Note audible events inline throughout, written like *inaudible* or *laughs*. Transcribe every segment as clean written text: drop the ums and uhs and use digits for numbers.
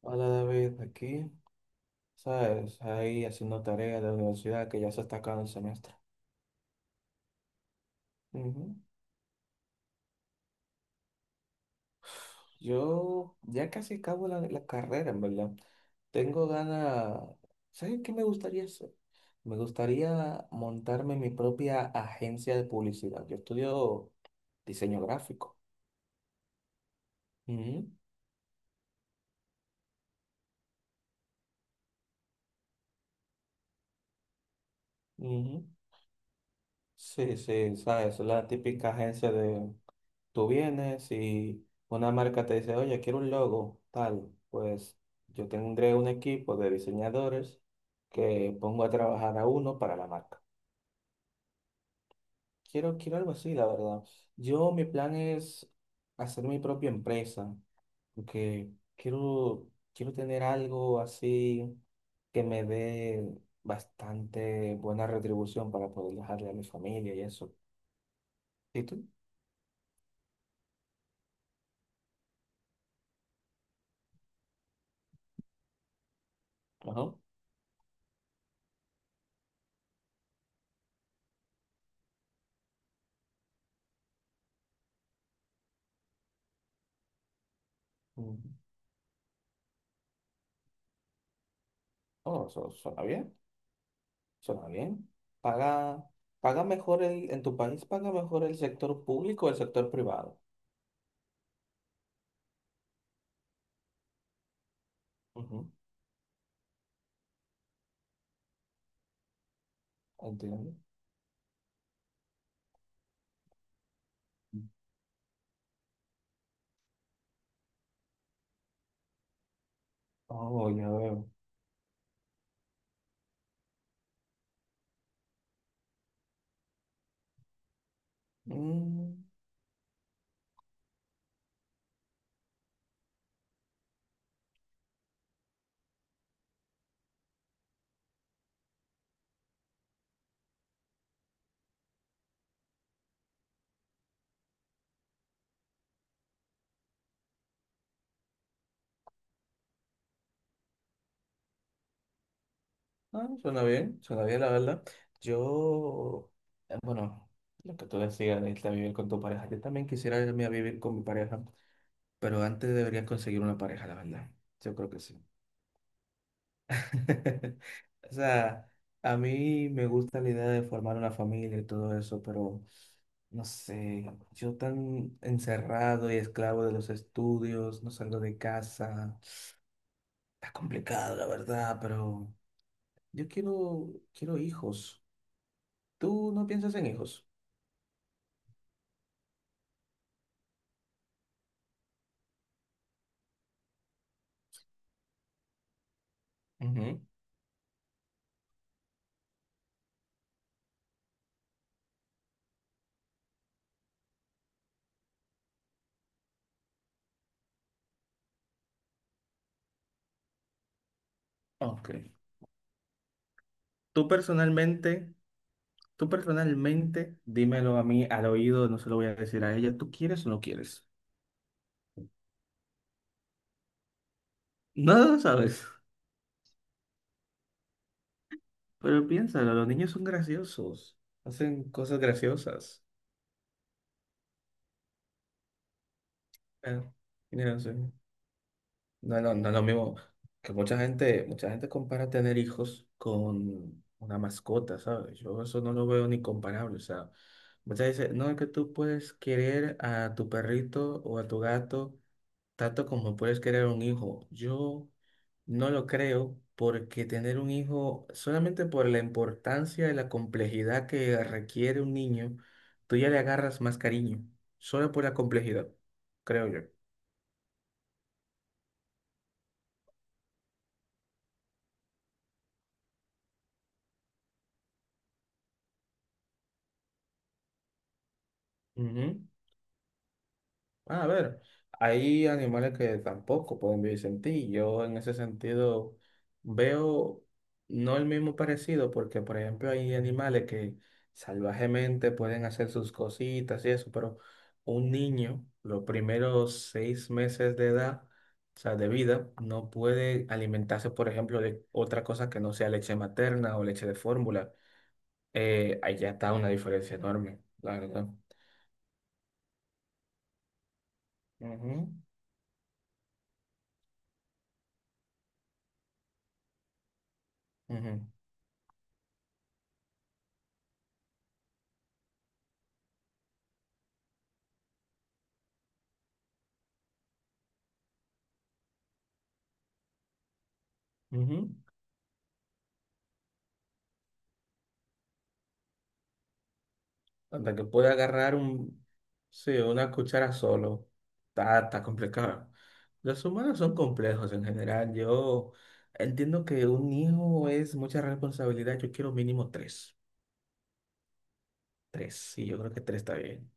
Hola David, aquí, ¿sabes? Ahí haciendo tareas de la universidad que ya se está acabando el semestre. Ujú. Yo ya casi acabo la carrera, en verdad. Tengo ganas, ¿sabes qué me gustaría hacer? Me gustaría montarme mi propia agencia de publicidad. Yo estudio diseño gráfico. Ujú, ujú. Sí, sí, ¿sabes? La típica agencia de tú vienes y una marca te dice, oye, quiero un logo, tal. Pues yo tendré un equipo de diseñadores que pongo a trabajar a uno para la marca. Quiero, quiero algo así, la verdad. Yo, mi plan es hacer mi propia empresa, porque quiero, quiero tener algo así que me dé bastante buena retribución para poder dejarle a mi familia y eso. ¿Y tú? Ajá. Mm. Oh, eso suena bien. Suena bien. Paga, paga mejor en tu país paga mejor el sector público o el sector privado. Ujú. Entiendo. Oh, ya veo. Mm. Ah, suena bien, la verdad. Yo, bueno, lo que tú decías de irte a vivir con tu pareja, yo también quisiera irme a vivir con mi pareja, pero antes deberías conseguir una pareja, la verdad. Yo creo que sí. *laughs* O sea, a mí me gusta la idea de formar una familia y todo eso, pero no sé, yo tan encerrado y esclavo de los estudios, no salgo de casa. Está complicado, la verdad, pero yo quiero, quiero hijos. ¿Tú no piensas en hijos? Ujú. Ok. Tú personalmente, tú personalmente, dímelo a mí al oído, no se lo voy a decir a ella. ¿Tú quieres o no quieres? No, lo sabes. Pero piénsalo, los niños son graciosos, hacen cosas graciosas. Eh, no sé. No, no, no es lo mismo que mucha gente compara tener hijos con una mascota, ¿sabes? Yo eso no lo veo ni comparable, o sea, muchas veces, no, es que tú puedes querer a tu perrito o a tu gato tanto como puedes querer un hijo, yo no lo creo porque tener un hijo, solamente por la importancia y la complejidad que requiere un niño, tú ya le agarras más cariño, solo por la complejidad, creo yo. Ujú. Bueno, a ver, hay animales que tampoco pueden vivir sin ti. Yo en ese sentido veo no el mismo parecido, porque por ejemplo hay animales que salvajemente pueden hacer sus cositas y eso, pero un niño, los primeros 6 meses de edad, o sea, de vida, no puede alimentarse, por ejemplo, de otra cosa que no sea leche materna o leche de fórmula. Ahí ya está una diferencia enorme, la verdad. Ujú, ujú, ujú. Hasta que pueda agarrar un, sí, una cuchara solo. Está, está complicado. Los humanos son complejos en general. Yo entiendo que un hijo es mucha responsabilidad. Yo quiero mínimo tres. Tres. Sí, yo creo que tres está bien.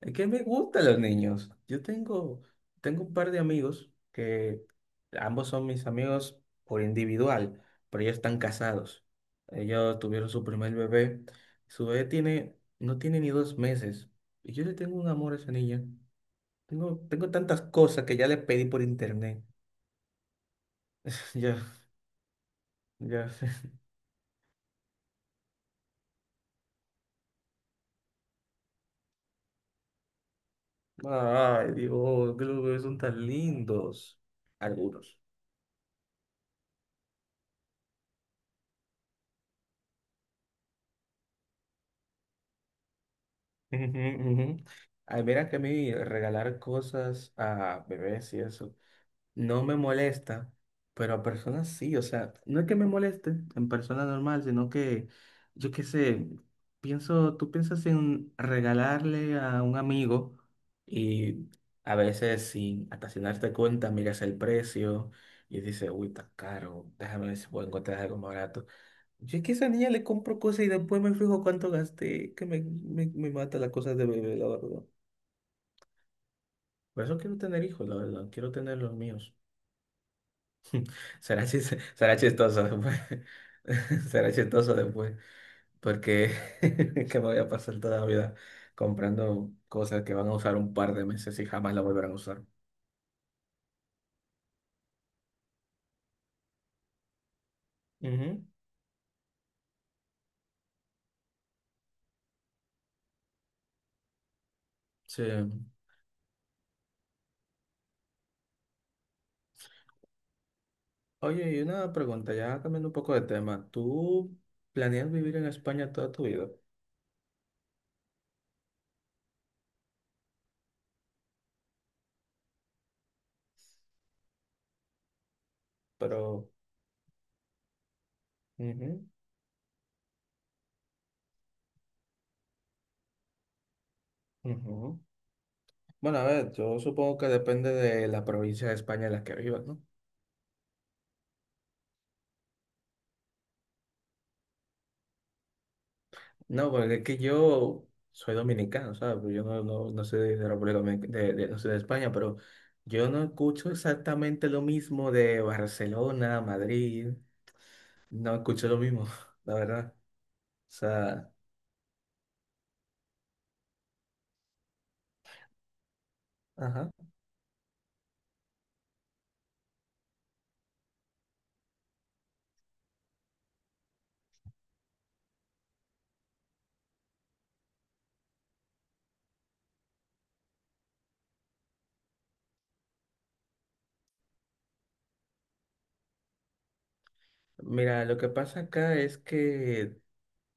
Es que me gustan los niños. Yo tengo, tengo un par de amigos que ambos son mis amigos por individual, pero ellos están casados. Ellos tuvieron su primer bebé. Su bebé tiene, no tiene ni 2 meses. Y yo le tengo un amor a esa niña. Tengo, tengo tantas cosas que ya le pedí por internet. *laughs* Ya, ya. *laughs* Ay, Dios, que los bebés son tan lindos. Algunos. Ujú, ujú. Ay, mira que a mí regalar cosas a bebés y eso no me molesta, pero a personas sí, o sea, no es que me moleste en persona normal, sino que yo qué sé, pienso, tú piensas en regalarle a un amigo y a veces sin hasta sin darte cuenta miras el precio y dices, uy, está caro, déjame ver si puedo encontrar algo más barato. Yo que a esa niña le compro cosas y después me fijo cuánto gasté, que me mata las cosas de bebé, la verdad. Por eso quiero tener hijos, la verdad. Quiero tener los míos. *laughs* Será chistoso después. *laughs* Será chistoso después. Porque *laughs* que me voy a pasar toda la vida comprando cosas que van a usar un par de meses y jamás la volverán a usar. Ujú. Sí. Oye, y una pregunta, ya cambiando un poco de tema. ¿Tú planeas vivir en España toda tu vida? Pero... Ujú, ujú. Bueno, a ver, yo supongo que depende de la provincia de España en la que vivas, ¿no? No, porque es que yo soy dominicano, ¿sabes? Pues yo no, no, no soy de República Dominicana, no soy de España, pero yo no escucho exactamente lo mismo de Barcelona, Madrid, no escucho lo mismo, *laughs* la verdad. O sea, ajá. Mira, lo que pasa acá es que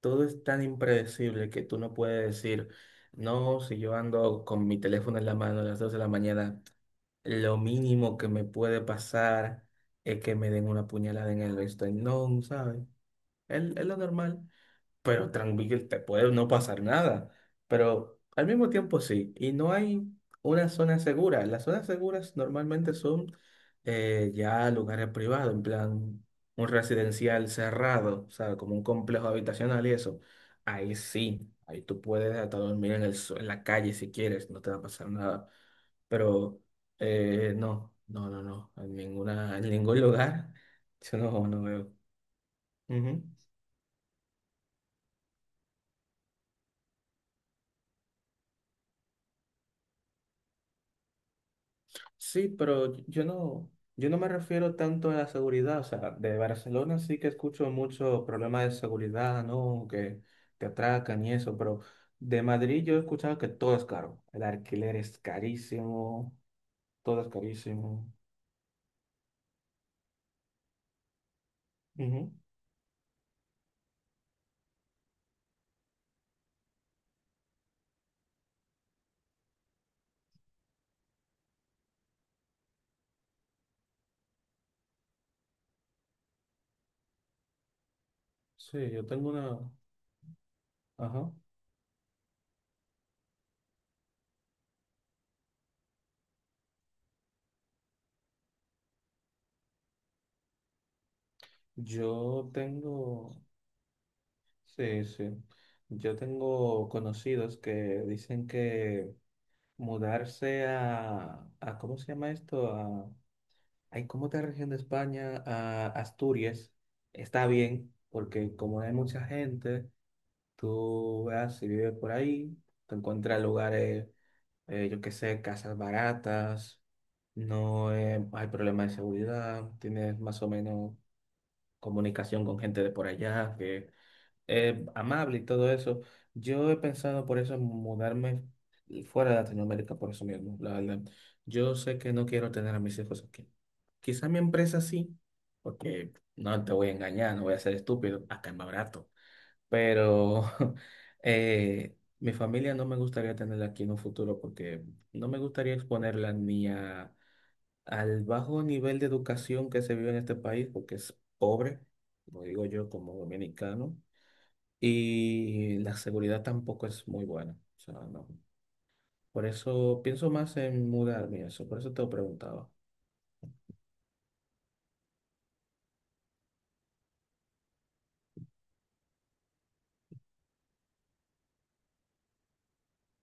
todo es tan impredecible que tú no puedes decir, no, si yo ando con mi teléfono en la mano a las 2 de la mañana. Lo mínimo que me puede pasar es que me den una puñalada en el esternón, ¿sabes? Es lo normal pero tranquilo, te puede no pasar nada, pero al mismo tiempo sí, y no hay una zona segura. Las zonas seguras normalmente son ya lugares privados, en plan un residencial cerrado, o sea, como un complejo habitacional y eso. Ahí sí, ahí tú puedes hasta dormir en la calle si quieres, no te va a pasar nada. Pero no, no, no, no, en ninguna, en ningún lugar, *laughs* yo no, veo. Sí, pero yo no me refiero tanto a la seguridad. O sea, de Barcelona sí que escucho mucho problemas de seguridad, ¿no? Que te atracan y eso, pero de Madrid yo he escuchado que todo es caro. El alquiler es carísimo, todo es carísimo. Ujú. Sí, yo tengo una... Ajá. Yo tengo... Sí, sí. Yo tengo conocidos que dicen que mudarse a ¿cómo se llama esto? Ay, ¿cómo está región de España a Asturias? Está bien, porque como hay mucha gente, tú vas si vives por ahí, te encuentras lugares, yo qué sé, casas baratas, no hay problema de seguridad, tienes más o menos comunicación con gente de por allá, que amable y todo eso. Yo he pensado por eso en mudarme fuera de Latinoamérica, por eso mismo, la verdad. Yo sé que no quiero tener a mis hijos aquí. Quizá mi empresa sí, porque no te voy a engañar, no voy a ser estúpido, acá es más barato. Pero *laughs* mi familia no me gustaría tenerla aquí en un futuro porque no me gustaría exponerla ni a, al bajo nivel de educación que se vive en este país, porque es pobre, como digo yo como dominicano. Y la seguridad tampoco es muy buena. O sea, no. Por eso pienso más en mudarme, y eso. Por eso te lo preguntaba.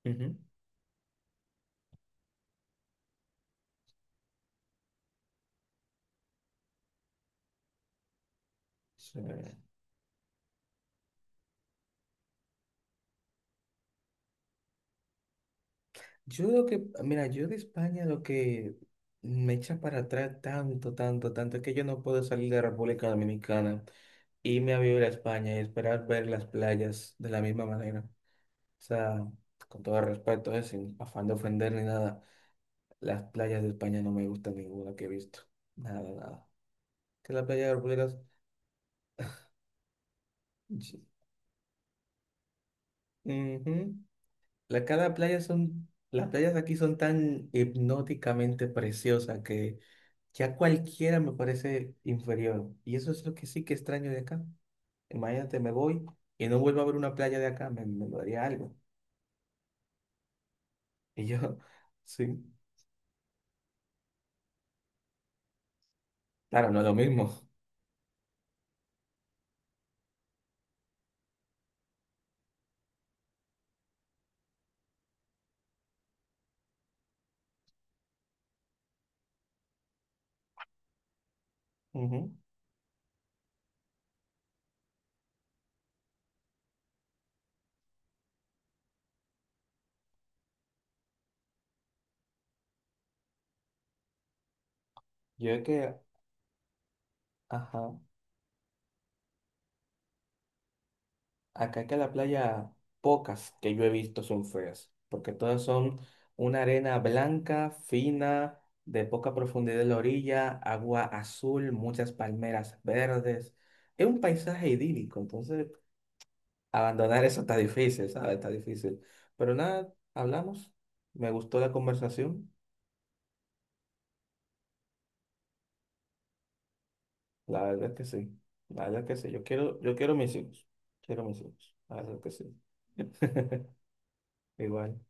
Ujú. Sí. Yo lo que, mira, yo de España lo que me echa para atrás tanto, tanto, tanto es que yo no puedo salir de República Dominicana, irme a vivir a España y esperar ver las playas de la misma manera. O sea, con todo respeto, sin afán de ofender ni nada, las playas de España no me gustan ninguna que he visto. Nada, nada. Que las playas de República. Ujú. Cada playa son, las playas aquí son tan hipnóticamente preciosas que ya cualquiera me parece inferior. Y eso es lo que sí que extraño de acá. Imagínate, me voy y no vuelvo a ver una playa de acá, me daría algo. Y yo, *laughs* sí, claro, no es lo mismo. Ujú. Yo es que, ajá. Acá que la playa, pocas que yo he visto son feas, porque todas son una arena blanca, fina, de poca profundidad en la orilla, agua azul, muchas palmeras verdes. Es un paisaje idílico, entonces abandonar eso está difícil, ¿sabes? Está difícil. Pero nada, hablamos. Me gustó la conversación. La verdad es que sí. La verdad es que sí. Yo quiero mis hijos. Quiero mis hijos. La verdad es que sí. *laughs* Igual.